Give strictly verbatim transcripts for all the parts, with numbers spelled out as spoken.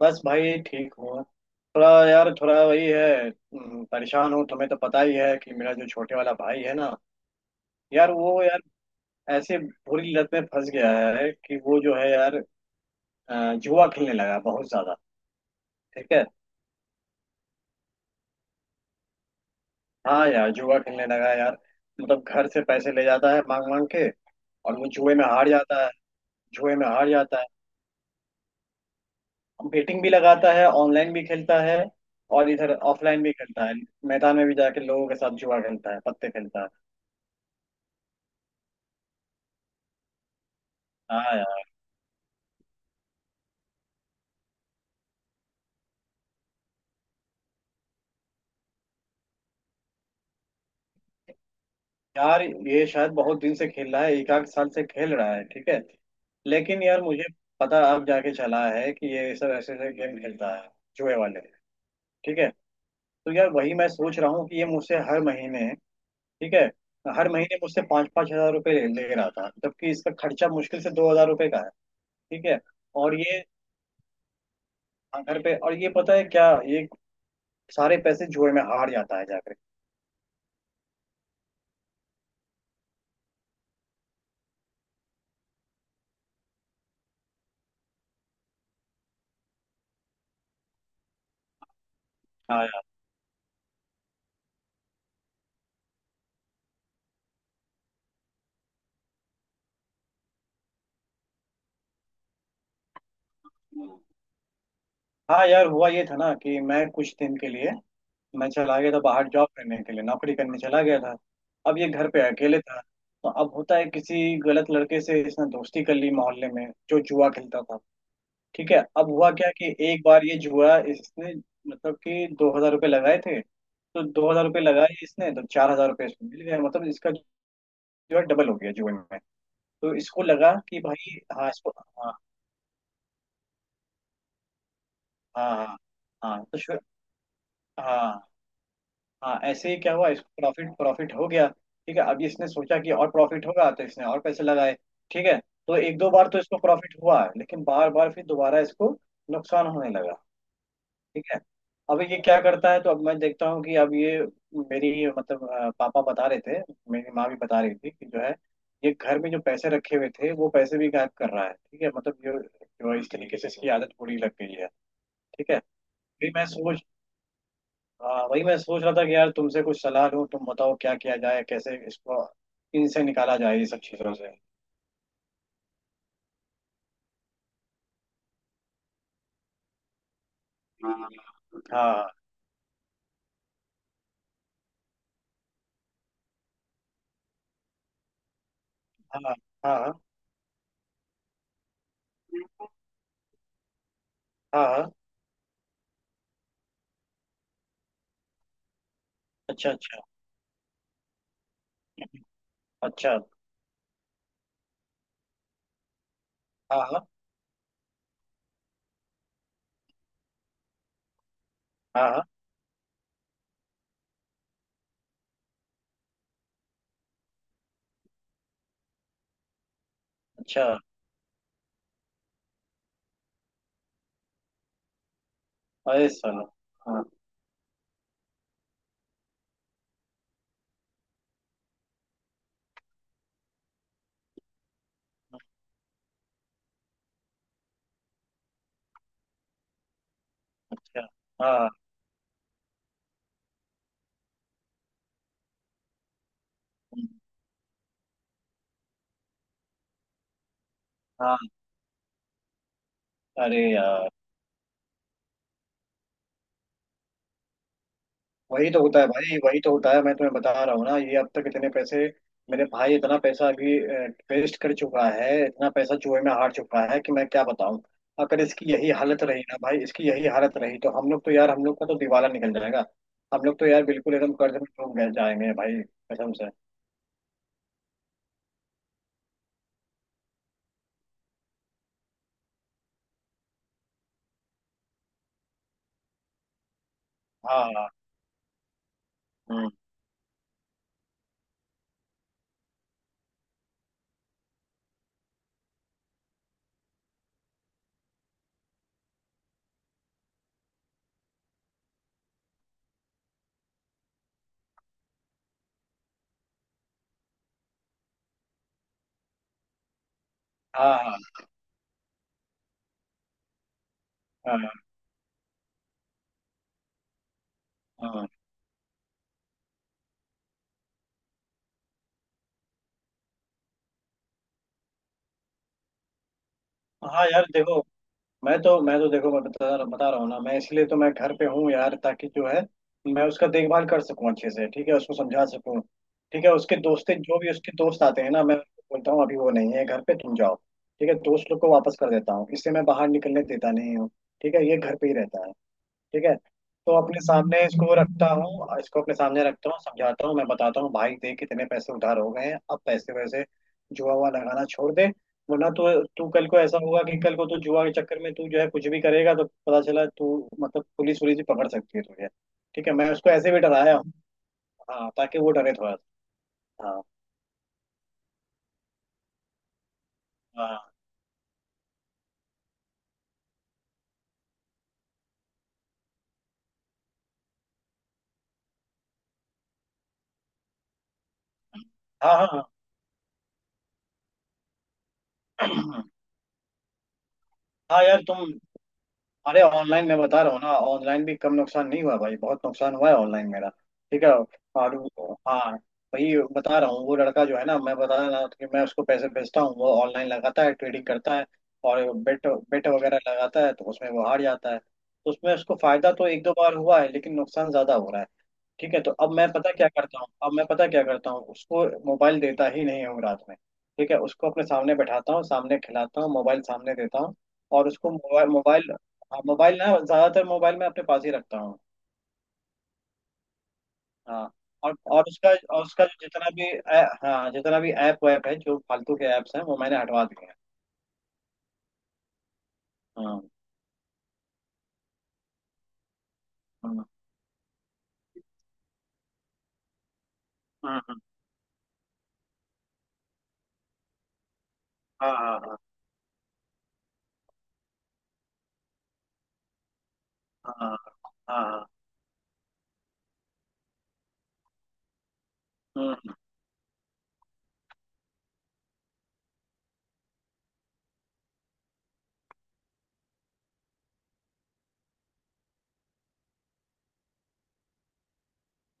बस भाई ठीक हूँ। थोड़ा यार, थोड़ा वही है, हम्म, परेशान हूँ। तुम्हें तो पता ही है कि मेरा जो छोटे वाला भाई है ना, यार वो यार ऐसे बुरी लत में फंस गया है कि वो जो है यार, अ, जुआ खेलने लगा है बहुत ज्यादा। ठीक है। हाँ यार, जुआ खेलने लगा है यार। मतलब घर से पैसे ले जाता है मांग मांग के, और वो जुए में हार जाता है। जुए में हार जाता है। बेटिंग भी लगाता है, ऑनलाइन भी खेलता है, और इधर ऑफलाइन भी खेलता है। मैदान में भी जाके लोगों के साथ जुआ खेलता है, पत्ते खेलता है। हाँ यार, ये शायद बहुत दिन से खेल रहा है, एक आध साल से खेल रहा है। ठीक है। लेकिन यार मुझे पता अब जाके चला है कि ये सब ऐसे ऐसे गेम खेलता है, जुए वाले। ठीक है। तो यार वही मैं सोच रहा हूँ कि ये मुझसे हर महीने, ठीक है, हर महीने मुझसे पाँच पाँच हजार रुपये ले ले रहा था, जबकि इसका खर्चा मुश्किल से दो हजार रुपये का है। ठीक है। और ये हाँ, घर पे, और ये पता है क्या, ये सारे पैसे जुए में हार जाता है जाकर। हाँ यार। हाँ यार, हुआ ये था ना कि मैं कुछ दिन के लिए मैं चला गया था बाहर, जॉब करने के लिए नौकरी करने चला गया था। अब ये घर पे अकेले था, तो अब होता है, किसी गलत लड़के से इसने दोस्ती कर ली मोहल्ले में, जो जुआ खेलता था। ठीक है। अब हुआ क्या कि एक बार ये जुआ इसने, मतलब कि दो हजार रुपये लगाए थे, तो दो हजार रुपये लगाए इसने तो चार हजार रुपये इसको मिल गया, मतलब इसका जो है डबल हो गया जुए में। तो इसको लगा कि भाई, हाँ, इसको हाँ। हाँ। हाँ। हाँ तो शु- हाँ। हाँ ऐसे ही क्या हुआ, इसको प्रॉफिट प्रॉफिट हो गया। ठीक है। अब इसने सोचा कि और प्रॉफिट होगा, तो इसने और पैसे लगाए। ठीक है। तो एक दो बार तो इसको प्रॉफिट हुआ है, लेकिन बार बार फिर दोबारा इसको नुकसान होने लगा। ठीक है। अब ये क्या करता है, तो अब मैं देखता हूँ कि अब ये मेरी, मतलब अ, पापा बता रहे थे, मेरी माँ भी बता रही थी कि जो है, ये घर में जो पैसे रखे हुए थे वो पैसे भी गायब कर रहा है। ठीक है। मतलब ये जो है, इस तरीके से इसकी आदत बुरी लग गई है। ठीक है। फिर मैं सोच, हाँ वही मैं सोच रहा था कि यार तुमसे कुछ सलाह लूँ, तुम बताओ क्या किया जाए, कैसे इसको इनसे निकाला जाए ये सब चीज़ों से। हाँ। हाँ। हाँ। हाँ। हाँ। हाँ। हाँ, अच्छा। अच्छा। अच्छा। हाँ। हाँ। हाँ। हाँ। अच्छा। अरे साला। हाँ। अच्छा। हाँ। हम्म, हाँ। अरे यार, वही तो होता है भाई, वही तो होता है। मैं तुम्हें बता रहा हूँ ना, ये अब तक इतने पैसे, मेरे भाई इतना पैसा अभी वेस्ट कर चुका है, इतना पैसा चूहे में हार चुका है कि मैं क्या बताऊँ। अगर इसकी यही हालत रही ना भाई, इसकी यही हालत रही तो हम लोग तो यार, हम लोग का तो दिवाला निकल जाएगा। हम लोग तो यार बिल्कुल एकदम कर्ज में डूब गए जाएंगे भाई, कसम से। हाँ। हाँ। हम्म, हाँ। हाँ। हाँ। हाँ। हाँ यार देखो, मैं तो मैं तो देखो, मैं बता बता रहा हूँ ना, मैं इसलिए तो मैं घर पे हूँ यार, ताकि जो है मैं उसका देखभाल कर सकूँ अच्छे से। ठीक है, उसको समझा सकूँ। ठीक है। उसके दोस्तें जो भी उसके दोस्त आते हैं ना, मैं उनको बोलता हूँ अभी वो नहीं है घर पे, तुम जाओ। ठीक है। दोस्त लोग को वापस कर देता हूँ, इससे मैं बाहर निकलने देता नहीं हूँ। ठीक है, ये घर पे ही रहता है। ठीक है। तो अपने सामने इसको रखता हूँ, इसको अपने सामने रखता हूँ, समझाता हूँ, मैं बताता हूँ भाई देख कितने पैसे उधार हो गए हैं, अब पैसे वैसे जुआ हुआ लगाना छोड़ दे। वरना तो तू कल को ऐसा होगा कि कल को तू जुआ के चक्कर में तू जो है कुछ भी करेगा, तो पता चला तू, मतलब पुलिस पुलिस भी पकड़ सकती है तुझे। ठीक है, मैं उसको ऐसे भी डराया हूँ, हाँ, ताकि वो डरे थोड़ा सा। हाँ। हाँ। हाँ। हाँ। हाँ। हाँ यार तुम, अरे ऑनलाइन, मैं बता रहा हूँ ना, ऑनलाइन भी कम नुकसान नहीं हुआ भाई, बहुत नुकसान हुआ है ऑनलाइन मेरा। ठीक है। और हाँ भाई, बता रहा हूँ, वो लड़का जो है ना, मैं बता रहा था कि मैं उसको पैसे भेजता हूँ, वो ऑनलाइन लगाता है, ट्रेडिंग करता है, और बेट बेट वगैरह लगाता है, तो उसमें वो हार जाता है। तो उसमें उसको फायदा तो एक दो बार हुआ है, लेकिन नुकसान ज्यादा हो रहा है। ठीक है। तो अब मैं पता क्या करता हूँ, अब मैं पता क्या करता हूँ, उसको मोबाइल देता ही नहीं हूँ रात में। ठीक है, उसको अपने सामने बैठाता हूँ, सामने खिलाता हूँ, मोबाइल सामने देता हूँ। और उसको मोबाइल मोबाइल, हाँ मोबाइल ना ज्यादातर मोबाइल मैं अपने पास ही रखता हूँ। हाँ। और और उसका, और उसका जो जितना भी ऐ- हाँ जितना भी ऐप वैप है, जो फालतू के ऐप्स हैं वो मैंने हटवा दिए हैं। हाँ। हाँ। हाँ। हाँ। हाँ। हाँ। हाँ। हाँ। हाँ। हाँ। हाँ।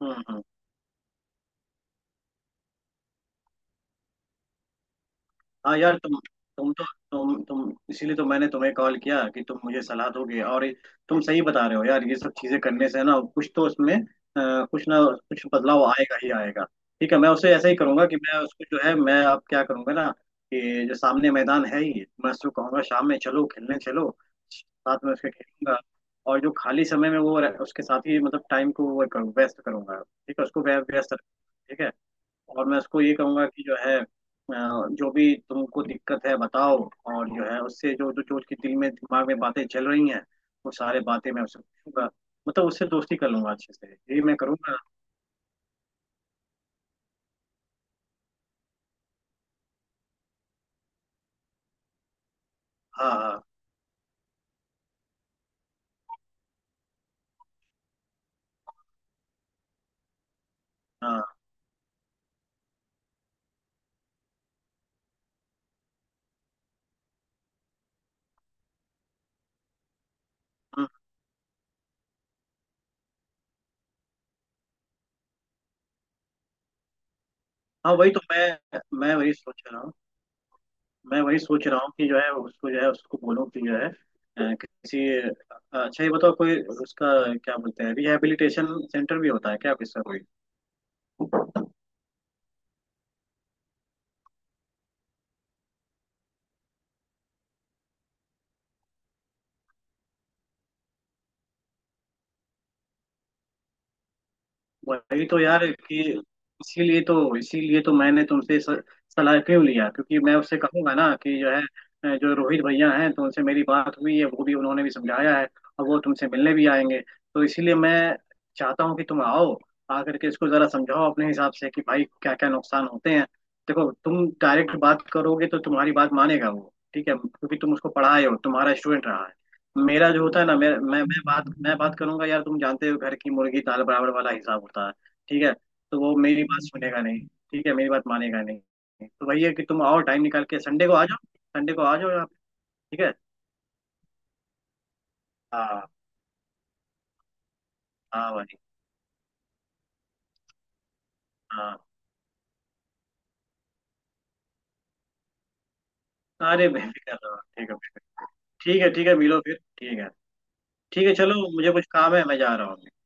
हाँ। हाँ। हाँ यार तुम, तुम तो तुम तुम इसीलिए तो मैंने तुम्हें कॉल किया कि तुम मुझे सलाह दोगे। और ये- तुम सही बता रहे हो यार, ये सब चीजें करने से ना कुछ तो उसमें अ, कुछ ना कुछ बदलाव आएगा ही आएगा। ठीक है, मैं उसे ऐसा ही करूंगा कि मैं उसको जो है, मैं अब क्या करूंगा ना, कि जो सामने मैदान है ही, मैं उसको कहूंगा शाम में चलो खेलने चलो, साथ में उसके खेलूंगा। और जो खाली समय में वो रह- उसके साथ ही मतलब टाइम को वो करूँ, व्यस्त करूंगा। ठीक है, उसको व्य- व्यस्त रखूंगा, ठीक है। और मैं उसको ये कहूंगा कि जो है, अ, जो भी तुमको दिक्कत है बताओ। और जो है उससे, जो जो जो उसके दिल में, दिमाग में बातें चल रही हैं, वो सारे बातें मैं उससे पूछूंगा। मतलब उससे दोस्ती कर लूंगा अच्छे से, यही मैं करूंगा। हाँ। हाँ। हाँ। हम्म, हाँ वही तो मैं मैं वही सोच रहा हूँ। मैं वही सोच रहा हूँ कि जो है उसको, जो है उसको बोलूँ कि जो है, अ, किसी अच्छा ये बताओ, कोई उसका क्या बोलते हैं, रिहैबिलिटेशन सेंटर भी होता है क्या किसका। वही तो यार कि, इसीलिए तो इसीलिए तो मैंने तुमसे स- सलाह क्यों लिया, क्योंकि मैं उससे कहूंगा ना कि जो है, अ, जो रोहित भैया हैं, तो उनसे मेरी बात हुई है, वो भी, उन्होंने भी समझाया है, और वो तुमसे मिलने भी आएंगे। तो इसीलिए मैं चाहता हूँ कि तुम आओ, आकर के इसको जरा समझाओ अपने हिसाब से कि भाई क्या क्या नुकसान होते हैं। देखो तुम डायरेक्ट बात करोगे तो तुम्हारी बात मानेगा वो। ठीक है, क्योंकि तुम उसको पढ़ाए हो, तुम्हारा स्टूडेंट रहा है। मेरा जो होता है ना मेरा, मैं मैं बात, मैं बात करूंगा यार, तुम जानते हो घर की मुर्गी दाल बराबर वाला हिसाब होता है। ठीक है, तो वो मेरी बात सुनेगा नहीं। ठीक है, मेरी बात मानेगा नहीं, तो वही है कि तुम आओ, टाइम निकाल के संडे को आ जाओ। संडे को आ जाओ आप, ठीक है। हाँ। हाँ भाई। हाँ। अरे बेफिक्र रहो, ठीक है। ठीक है, ठीक है, मिलो फिर, ठीक है। ठीक है चलो, मुझे कुछ काम है, मैं जा रहा हूँ।